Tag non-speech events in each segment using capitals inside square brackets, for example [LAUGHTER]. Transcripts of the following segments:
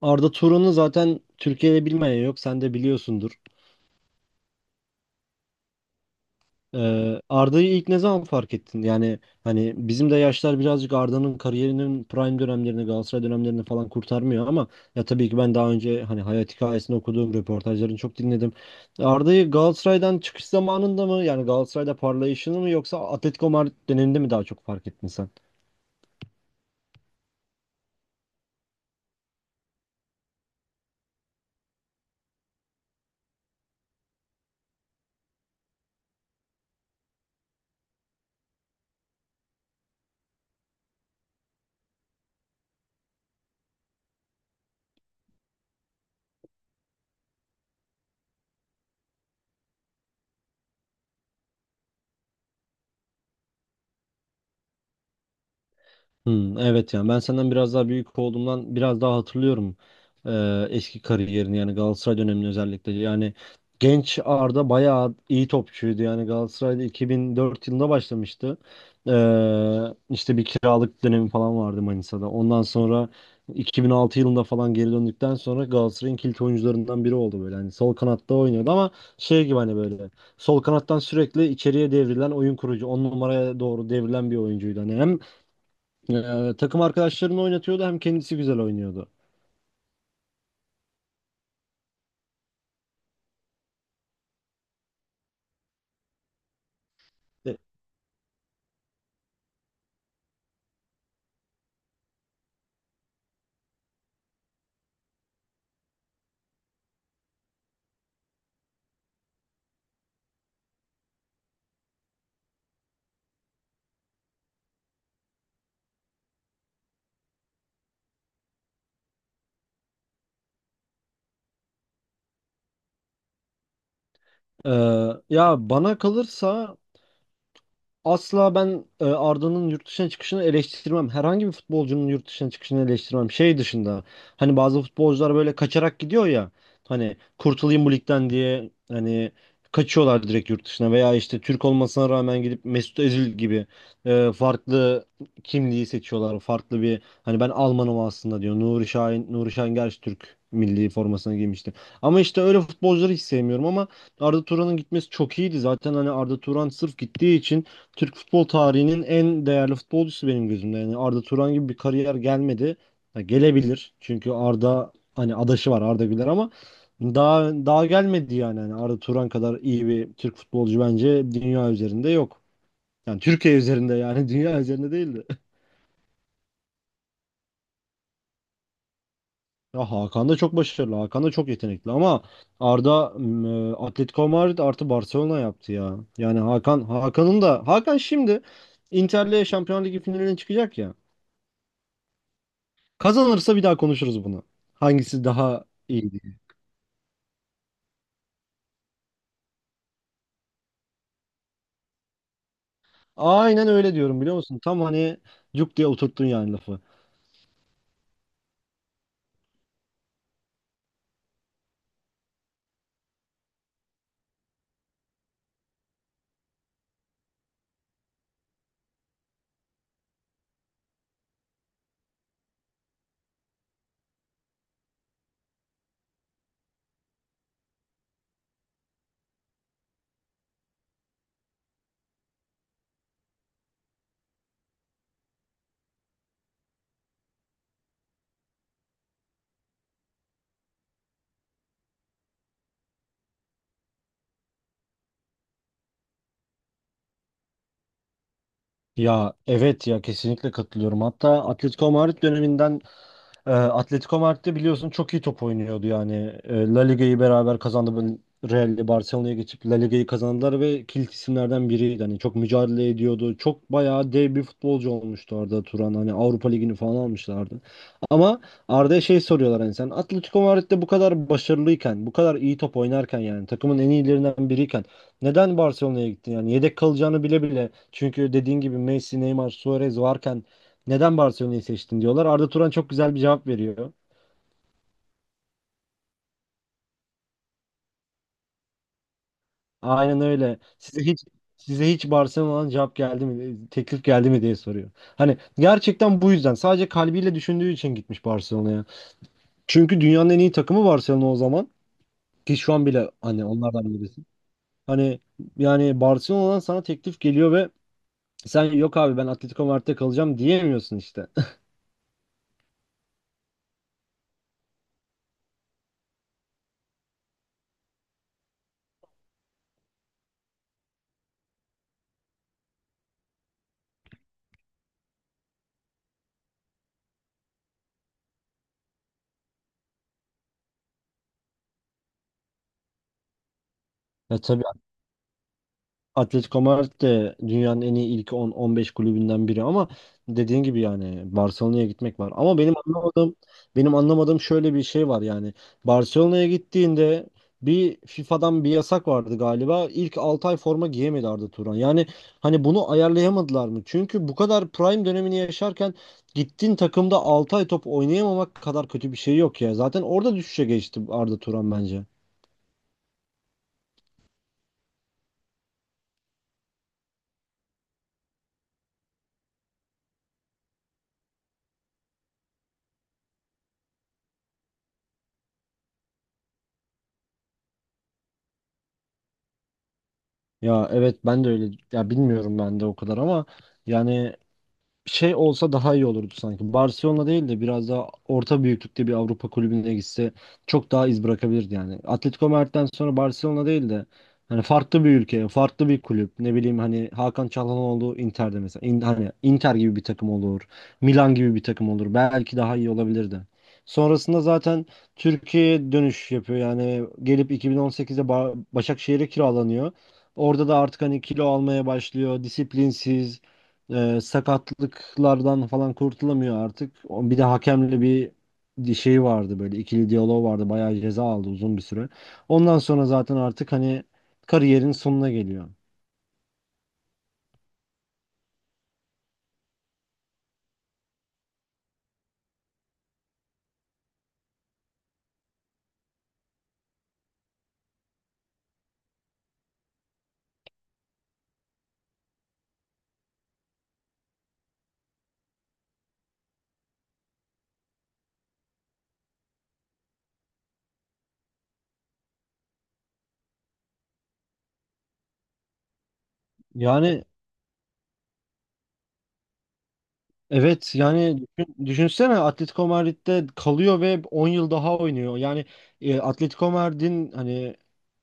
Arda Turan'ı zaten Türkiye'de bilmeyen yok. Sen de biliyorsundur. Arda'yı ilk ne zaman fark ettin? Yani hani bizim de yaşlar birazcık Arda'nın kariyerinin prime dönemlerini, Galatasaray dönemlerini falan kurtarmıyor ama ya tabii ki ben daha önce hani hayat hikayesini okuduğum röportajlarını çok dinledim. Arda'yı Galatasaray'dan çıkış zamanında mı yani Galatasaray'da parlayışını mı yoksa Atletico Madrid döneminde mi daha çok fark ettin sen? Hmm, evet, yani ben senden biraz daha büyük olduğumdan biraz daha hatırlıyorum, eski kariyerini yani Galatasaray dönemini özellikle. Yani genç Arda bayağı iyi topçuydu. Yani Galatasaray'da 2004 yılında başlamıştı. İşte bir kiralık dönemi falan vardı Manisa'da. Ondan sonra 2006 yılında falan geri döndükten sonra Galatasaray'ın kilit oyuncularından biri oldu. Böyle hani sol kanatta oynuyordu ama şey gibi, hani böyle sol kanattan sürekli içeriye devrilen, oyun kurucu 10 numaraya doğru devrilen bir oyuncuydu. Hani hem takım arkadaşlarını oynatıyordu hem kendisi güzel oynuyordu. E, ya bana kalırsa asla ben Arda'nın yurt dışına çıkışını eleştirmem. Herhangi bir futbolcunun yurt dışına çıkışını eleştirmem. Şey dışında, hani bazı futbolcular böyle kaçarak gidiyor ya. Hani kurtulayım bu ligden diye, hani kaçıyorlar direkt yurt dışına veya işte Türk olmasına rağmen gidip Mesut Özil gibi farklı kimliği seçiyorlar. Farklı bir, hani ben Almanım aslında diyor. Nuri Şahin, Nuri Şahin gerçi Türk milli formasına giymişti. Ama işte öyle futbolcuları hiç sevmiyorum ama Arda Turan'ın gitmesi çok iyiydi. Zaten hani Arda Turan sırf gittiği için Türk futbol tarihinin en değerli futbolcusu benim gözümde. Yani Arda Turan gibi bir kariyer gelmedi. Ha, gelebilir. Çünkü Arda hani adaşı var, Arda Güler, ama daha gelmedi yani. Hani Arda Turan kadar iyi bir Türk futbolcu bence dünya üzerinde yok. Yani Türkiye üzerinde, yani [LAUGHS] dünya üzerinde değildi. Ya Hakan da çok başarılı. Hakan da çok yetenekli ama Arda Atletico Madrid artı Barcelona yaptı ya. Yani Hakan'ın da, Hakan şimdi Inter'le Şampiyonlar Ligi finaline çıkacak ya. Kazanırsa bir daha konuşuruz bunu. Hangisi daha iyi diye. Aynen öyle diyorum, biliyor musun? Tam hani cuk diye oturttun yani lafı. Ya evet, ya kesinlikle katılıyorum. Hatta Atletico Madrid döneminden, Atletico Madrid'de biliyorsun çok iyi top oynuyordu yani. La Liga'yı beraber kazandı. Böyle Real'le Barcelona'ya geçip La Liga'yı kazandılar ve kilit isimlerden biriydi. Hani çok mücadele ediyordu. Çok bayağı dev bir futbolcu olmuştu Arda Turan. Hani Avrupa Ligi'ni falan almışlardı. Ama Arda'ya şey soruyorlar, hani sen Atletico Madrid'de bu kadar başarılıyken, bu kadar iyi top oynarken, yani takımın en iyilerinden biriyken neden Barcelona'ya gittin? Yani yedek kalacağını bile bile. Çünkü dediğin gibi Messi, Neymar, Suarez varken neden Barcelona'yı seçtin diyorlar. Arda Turan çok güzel bir cevap veriyor. Aynen öyle. Size hiç Barcelona'dan cevap geldi mi, teklif geldi mi diye soruyor. Hani gerçekten bu yüzden sadece kalbiyle düşündüğü için gitmiş Barcelona'ya. Çünkü dünyanın en iyi takımı Barcelona o zaman, ki şu an bile hani onlardan birisi. Hani yani Barcelona'dan sana teklif geliyor ve sen yok abi ben Atletico Madrid'de kalacağım diyemiyorsun işte. [LAUGHS] E tabii, Atletico Madrid de dünyanın en iyi ilk 10-15 kulübünden biri ama dediğin gibi yani Barcelona'ya gitmek var. Ama benim anlamadığım şöyle bir şey var yani Barcelona'ya gittiğinde bir FIFA'dan bir yasak vardı galiba. İlk 6 ay forma giyemedi Arda Turan. Yani hani bunu ayarlayamadılar mı? Çünkü bu kadar prime dönemini yaşarken gittiğin takımda 6 ay top oynayamamak kadar kötü bir şey yok ya. Zaten orada düşüşe geçti Arda Turan bence. Ya evet, ben de öyle, ya bilmiyorum ben de o kadar ama yani şey olsa daha iyi olurdu sanki. Barcelona değil de biraz daha orta büyüklükte bir Avrupa kulübüne gitse çok daha iz bırakabilirdi yani. Atletico Madrid'den sonra Barcelona değil de, hani farklı bir ülke, farklı bir kulüp. Ne bileyim, hani Hakan Çalhanoğlu Inter'de mesela. Hani Inter gibi bir takım olur. Milan gibi bir takım olur. Belki daha iyi olabilirdi. Sonrasında zaten Türkiye'ye dönüş yapıyor. Yani gelip 2018'de Başakşehir'e kiralanıyor. Orada da artık hani kilo almaya başlıyor. Disiplinsiz. Sakatlıklardan falan kurtulamıyor artık. Bir de hakemle bir şey vardı, böyle ikili diyalog vardı. Bayağı ceza aldı uzun bir süre. Ondan sonra zaten artık hani kariyerin sonuna geliyor. Yani evet, yani düşünsene Atletico Madrid'de kalıyor ve 10 yıl daha oynuyor. Yani Atletico Madrid'in hani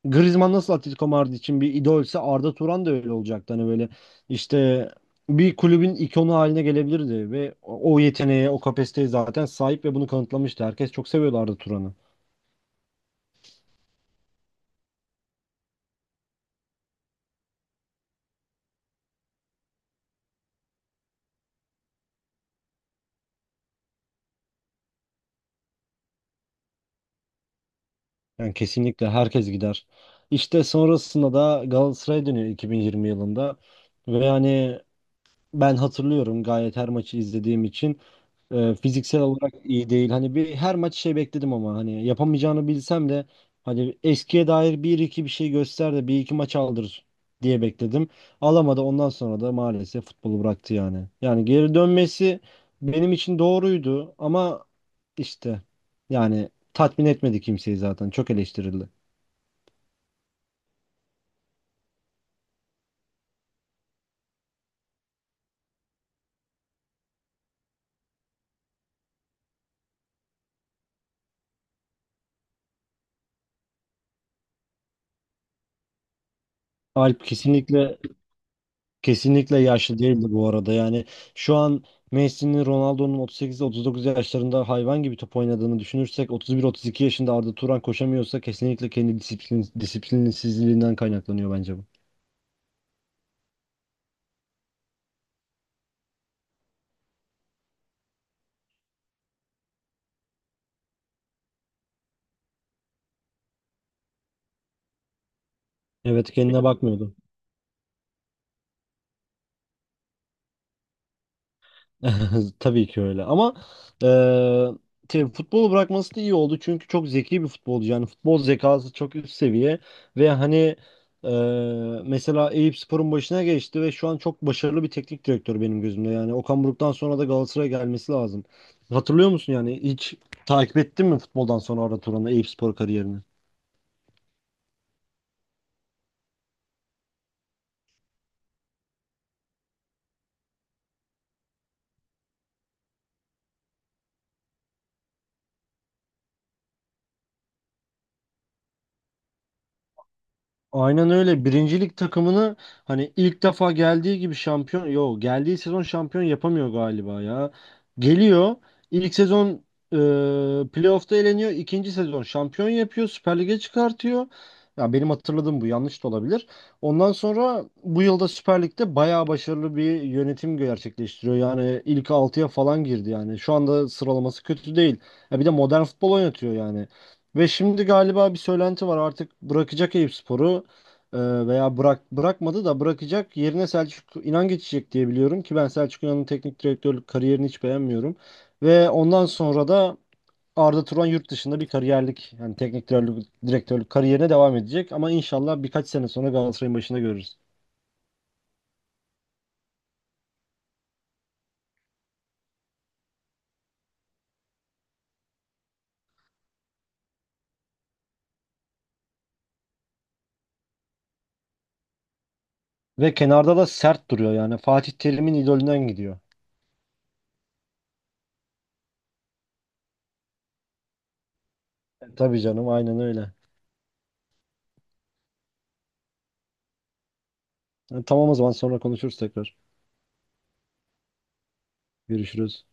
Griezmann nasıl Atletico Madrid için bir idolse Arda Turan da öyle olacaktı. Hani böyle işte bir kulübün ikonu haline gelebilirdi ve o yeteneğe, o kapasiteye zaten sahip ve bunu kanıtlamıştı. Herkes çok seviyordu Arda Turan'ı. Yani kesinlikle herkes gider. İşte sonrasında da Galatasaray'a dönüyor 2020 yılında ve yani ben hatırlıyorum gayet, her maçı izlediğim için. Fiziksel olarak iyi değil. Hani bir her maç şey bekledim ama hani yapamayacağını bilsem de, hani eskiye dair bir iki bir şey göster de bir iki maç aldır diye bekledim. Alamadı. Ondan sonra da maalesef futbolu bıraktı yani. Yani geri dönmesi benim için doğruydu ama işte yani tatmin etmedi kimseyi zaten. Çok eleştirildi. Alp, kesinlikle yaşlı değildi bu arada. Yani şu an Messi'nin, Ronaldo'nun 38-39 yaşlarında hayvan gibi top oynadığını düşünürsek 31-32 yaşında Arda Turan koşamıyorsa kesinlikle kendi disiplinsizliğinden kaynaklanıyor bence bu. Evet, kendine bakmıyordu. [LAUGHS] Tabii ki öyle ama eee şey, futbolu bırakması da iyi oldu çünkü çok zeki bir futbolcu. Yani futbol zekası çok üst seviye ve hani mesela Eyüpspor'un başına geçti ve şu an çok başarılı bir teknik direktör benim gözümde. Yani Okan Buruk'tan sonra da Galatasaray'a gelmesi lazım. Hatırlıyor musun, yani hiç takip ettin mi futboldan sonra Arda Turan'ı, Eyüpspor kariyerini? Aynen öyle. Birincilik takımını hani ilk defa geldiği gibi şampiyon, yo geldiği sezon şampiyon yapamıyor galiba ya. Geliyor. İlk sezon playoff'ta eleniyor. İkinci sezon şampiyon yapıyor. Süper Lig'e çıkartıyor. Ya benim hatırladığım bu, yanlış da olabilir. Ondan sonra bu yılda Süper Lig'de bayağı başarılı bir yönetim gerçekleştiriyor. Yani ilk 6'ya falan girdi yani. Şu anda sıralaması kötü değil. Ya bir de modern futbol oynatıyor yani. Ve şimdi galiba bir söylenti var, artık bırakacak Eyüpspor'u, e, veya bırakmadı da bırakacak, yerine Selçuk İnan geçecek diye biliyorum ki ben Selçuk İnan'ın teknik direktörlük kariyerini hiç beğenmiyorum. Ve ondan sonra da Arda Turan yurt dışında bir kariyerlik yani teknik direktörlük kariyerine devam edecek ama inşallah birkaç sene sonra Galatasaray'ın başında görürüz. Ve kenarda da sert duruyor yani Fatih Terim'in idolünden gidiyor. Tabii canım, aynen öyle. Yani tamam, o zaman sonra konuşuruz tekrar. Görüşürüz.